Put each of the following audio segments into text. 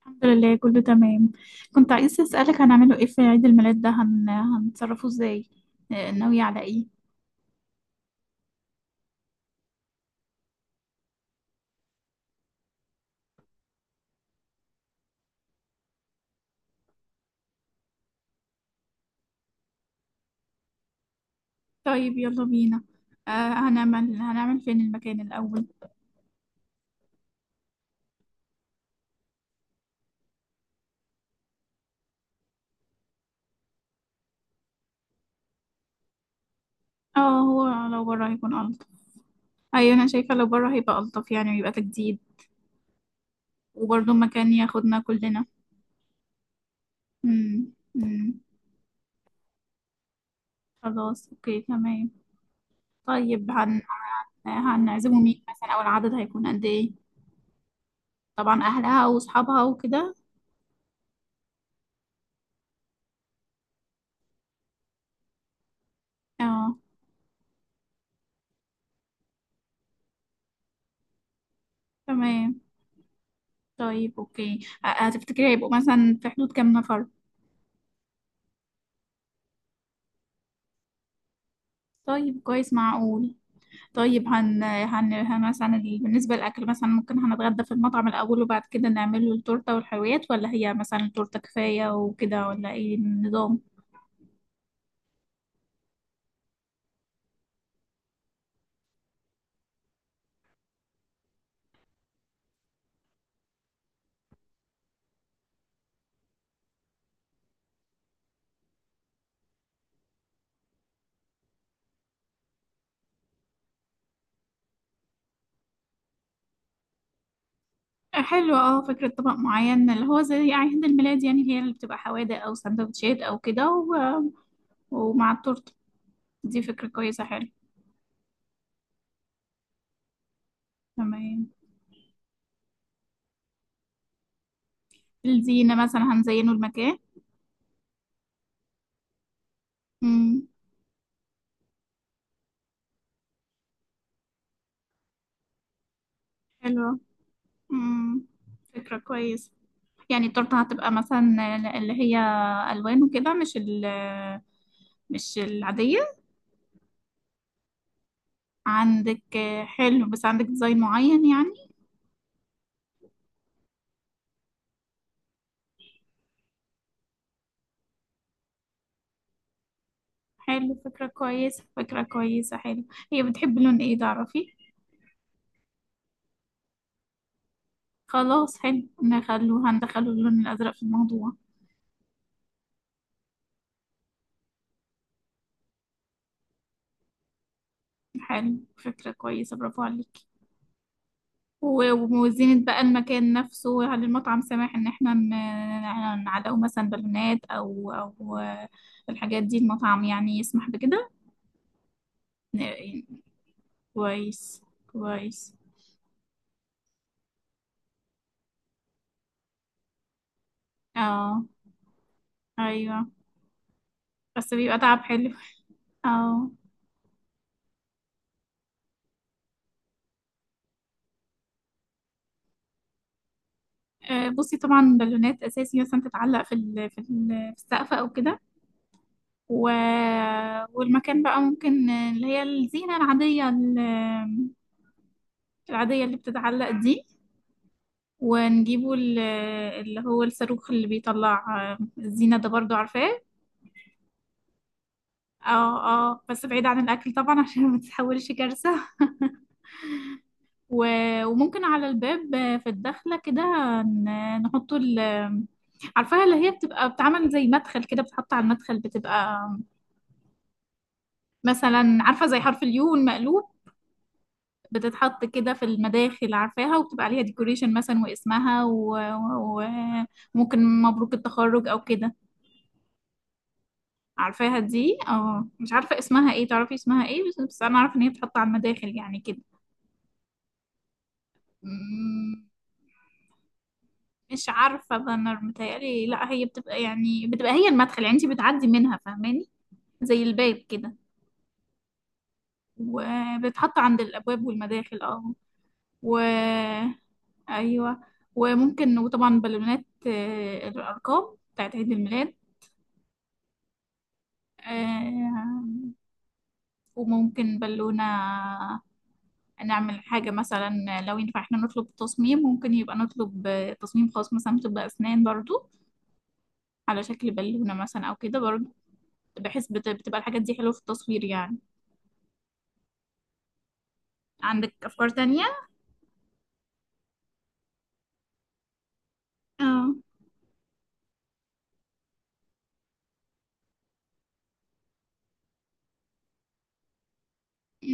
الحمد لله، كله تمام. كنت عايزة أسألك هنعمله ايه في عيد الميلاد ده، هنتصرفه ازاي؟ ناوية على ايه؟ طيب يلا بينا. آه. هنعمل فين المكان الأول؟ اه، هو لو بره هيكون ألطف. أيوة، أنا شايفة لو بره هيبقى ألطف يعني، ويبقى تجديد، وبرضه مكان ياخدنا كلنا. مم. مم. خلاص اوكي تمام. طيب هنعزمه مين مثلا، أو العدد هيكون قد ايه؟ طبعا أهلها وأصحابها وكده. اه. تمام. طيب اوكي. هتفتكري هيبقوا مثلا في حدود كام نفر؟ طيب، كويس، معقول. طيب هن مثلا، بالنسبة للأكل مثلا، ممكن هنتغدى في المطعم الأول وبعد كده نعمل له التورتة والحلويات، ولا هي مثلا التورتة كفاية وكده، ولا ايه النظام؟ حلو، اه، فكرة طبق معين اللي هو زي عيد الميلاد يعني، اللي هي اللي بتبقى حوادق أو سندوتشات أو كده، ومع التورتة. دي فكرة كويسة، حلو. تمام. الزينة مثلا، هنزينه المكان؟ امم. حلو. امم. فكرة كويسة. يعني التورتة هتبقى مثلا اللي هي ألوان وكده، مش العادية. عندك حلو، بس عندك ديزاين معين يعني؟ حلو، فكرة كويسة، فكرة كويسة، حلو. هي بتحب لون ايه، تعرفي؟ خلاص حلو، نخلو هندخله اللون الأزرق في الموضوع. حلو، فكرة كويسة، برافو عليكي. و- وزينة بقى المكان نفسه، هل المطعم سامح ان احنا نعلقه مثلا بالونات، او الحاجات دي؟ المطعم يعني يسمح بكده؟ كويس. كويس. اه. ايوه. بس بيبقى تعب حلو. اه. آه، بصي، طبعا بالونات اساسي مثلا تتعلق في في السقف او كده. و... والمكان بقى ممكن اللي هي الزينة العادية، العادية اللي بتتعلق دي، ونجيبه اللي هو الصاروخ اللي بيطلع، آه، الزينة ده برضو عارفاه. اه. اه، بس بعيد عن الأكل طبعا عشان ما تتحولش كارثة. وممكن على الباب، آه، في الدخلة كده، نحط عارفاها اللي هي بتبقى بتعمل زي مدخل كده، بتحط على المدخل، بتبقى مثلا، عارفة، زي حرف اليو المقلوب، بتتحط كده في المداخل، عارفاها، وبتبقى عليها ديكوريشن مثلا، واسمها، وممكن مبروك التخرج او كده، عارفاها دي؟ اه، مش عارفة اسمها ايه، تعرفي اسمها ايه؟ بس انا عارفة ان هي بتتحط على المداخل يعني، كده. مش عارفة، بانر متهيألي، لا، هي بتبقى يعني بتبقى هي المدخل يعني انت بتعدي منها، فاهماني؟ زي الباب كده، وبتحط عند الأبواب والمداخل. اه. و أيوة. وطبعا بالونات، آه، الأرقام بتاعت عيد الميلاد، آه، وممكن بالونة، نعمل حاجة مثلا، لو ينفع احنا نطلب تصميم، ممكن يبقى نطلب تصميم خاص مثلا طب أسنان برضو، على شكل بالونة مثلا أو كده برضو، بحيث بتبقى الحاجات دي حلوة في التصوير يعني. عندك أفكار تانية؟ اه،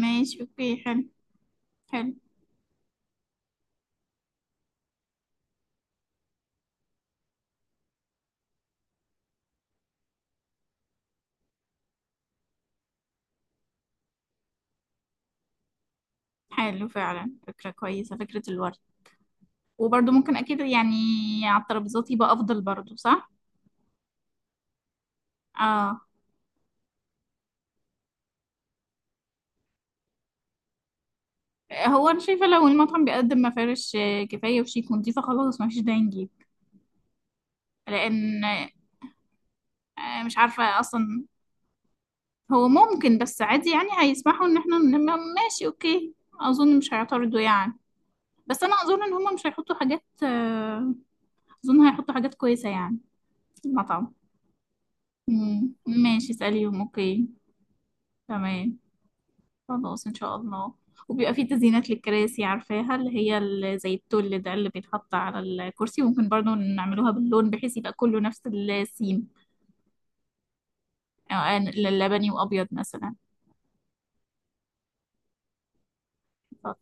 ماشي اوكي، حلو. حلو. حلو فعلا، فكرة كويسة، فكرة الورد. وبرضه ممكن أكيد يعني على الترابيزات يبقى أفضل برضه، صح؟ اه. هو أنا شايفة لو المطعم بيقدم مفارش، آه، كفاية وشيك ونضيفة، خلاص مفيش داعي نجيب. لأن، آه، مش عارفة أصلا. هو ممكن، بس عادي يعني هيسمحوا إن احنا ماشي اوكي، أظن مش هيعترضوا يعني. بس أنا أظن إن هما مش هيحطوا حاجات، آه، أظن هيحطوا حاجات كويسة يعني في المطعم. مم. ماشي، اسأليهم اوكي. تمام. خلاص ان شاء الله. وبيبقى في تزيينات للكراسي، عارفاها، اللي هي زي التل ده اللي بيتحط على الكرسي، ممكن برضو نعملوها باللون بحيث يبقى كله نفس السيم، آه، لبني وابيض مثلا.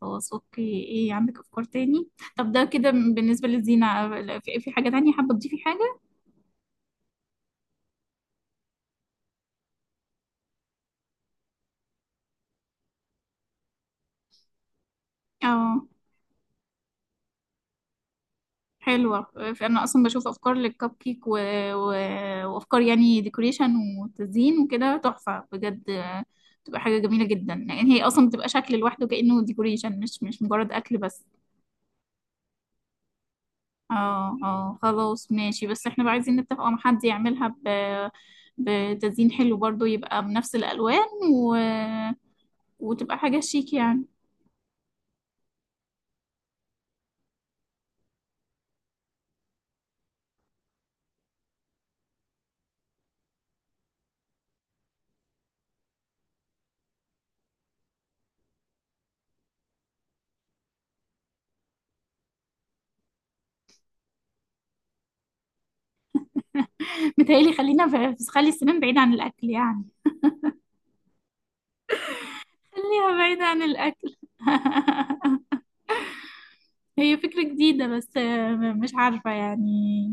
خلاص اوكي، ايه عندك افكار تاني؟ طب ده كده بالنسبة للزينة. في حاجة تانية، حابة تضيفي حاجة؟ اه، حلوة. أنا أصلا بشوف أفكار للكب كيك و... وأفكار يعني ديكوريشن وتزيين وكده، تحفة بجد، آه، بتبقى حاجة جميلة جدا، لأن هي أصلا بتبقى شكل لوحده كأنه ديكوريشن، مش مجرد أكل بس. اه. اه، خلاص، ماشي. بس احنا بقى عايزين نتفق مع حد يعملها بتزيين حلو برضو، يبقى بنفس الألوان، و... وتبقى حاجة شيك يعني. متهيألي، خلينا خلي السنان بعيدة عن الأكل يعني. خليها بعيدة عن الأكل. هي فكرة جديدة، بس، آه، مش عارفة يعني.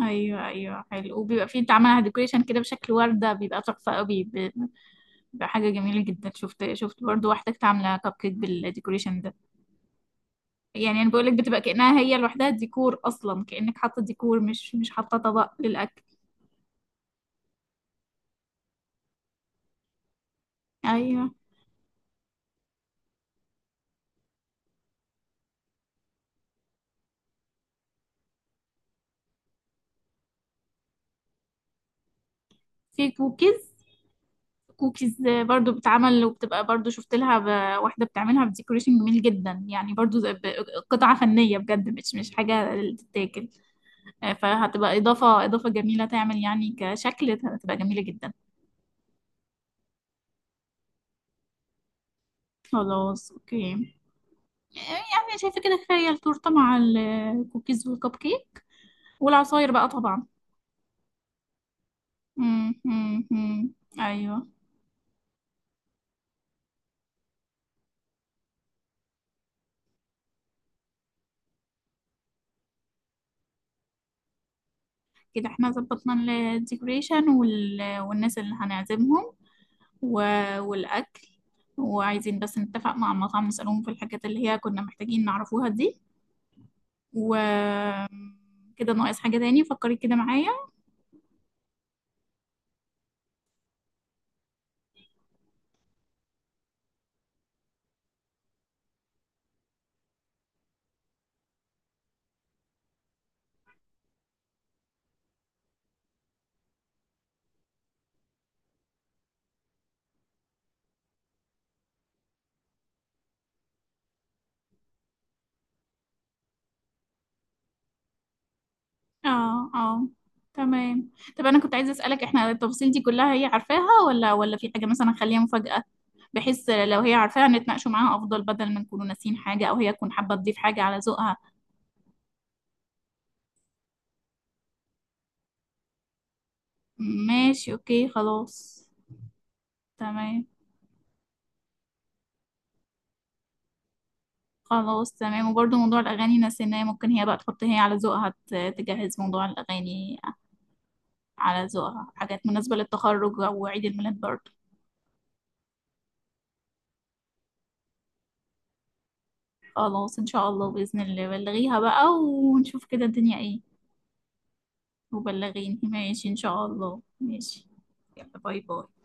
ايوه، ايوه، حلو، وبيبقى فيه انت عاملها ديكوريشن كده بشكل وردة، بيبقى تحفة قوي، بيبقى حاجة جميلة جدا، شفت برضو واحدة كانت عاملة كب كيك بالديكوريشن ده. يعني انا بقولك بتبقى كأنها هي لوحدها ديكور اصلا، كأنك حاطة ديكور مش حاطة طبق للأكل. ايوه. في كوكيز. كوكيز برضو بتتعمل وبتبقى برضو، شفت لها واحدة بتعملها بديكوريشن جميل جدا يعني، برضو قطعة فنية بجد، مش حاجة تتاكل، آه، فهتبقى إضافة جميلة، تعمل يعني كشكل، هتبقى جميلة جدا. خلاص أوكي. آه، يعني شايفة كده، تخيل تورتة مع الكوكيز والكب كيك، والعصاير بقى طبعا. مم، مم، مم. أيوه. كده احنا ظبطنا الديكوريشن والناس اللي هنعزمهم و... والأكل، وعايزين بس نتفق مع المطعم نسألهم في الحاجات اللي هي كنا محتاجين نعرفوها دي، وكده. ناقص حاجة تاني؟ فكري كده معايا. اه، اه، تمام. طب انا كنت عايزه اسالك، احنا التفاصيل دي كلها هي عارفاها، ولا في حاجه مثلا خليها مفاجاه، بحيث لو هي عارفاها نتناقشوا معاها افضل، بدل ما نكونوا ناسيين حاجه، او هي تكون حابه تضيف حاجه على ذوقها. ماشي اوكي، خلاص. تمام. خلاص تمام، وبرضه موضوع الاغاني نسيناه، ممكن هي بقى تحط هي على ذوقها، تجهز موضوع الاغاني على ذوقها، حاجات مناسبه للتخرج او عيد الميلاد برضه. خلاص ان شاء الله، باذن الله بلغيها بقى ونشوف كده الدنيا ايه. وبلغيني، ماشي، إن شاء الله. ماشي. يلا باي باي.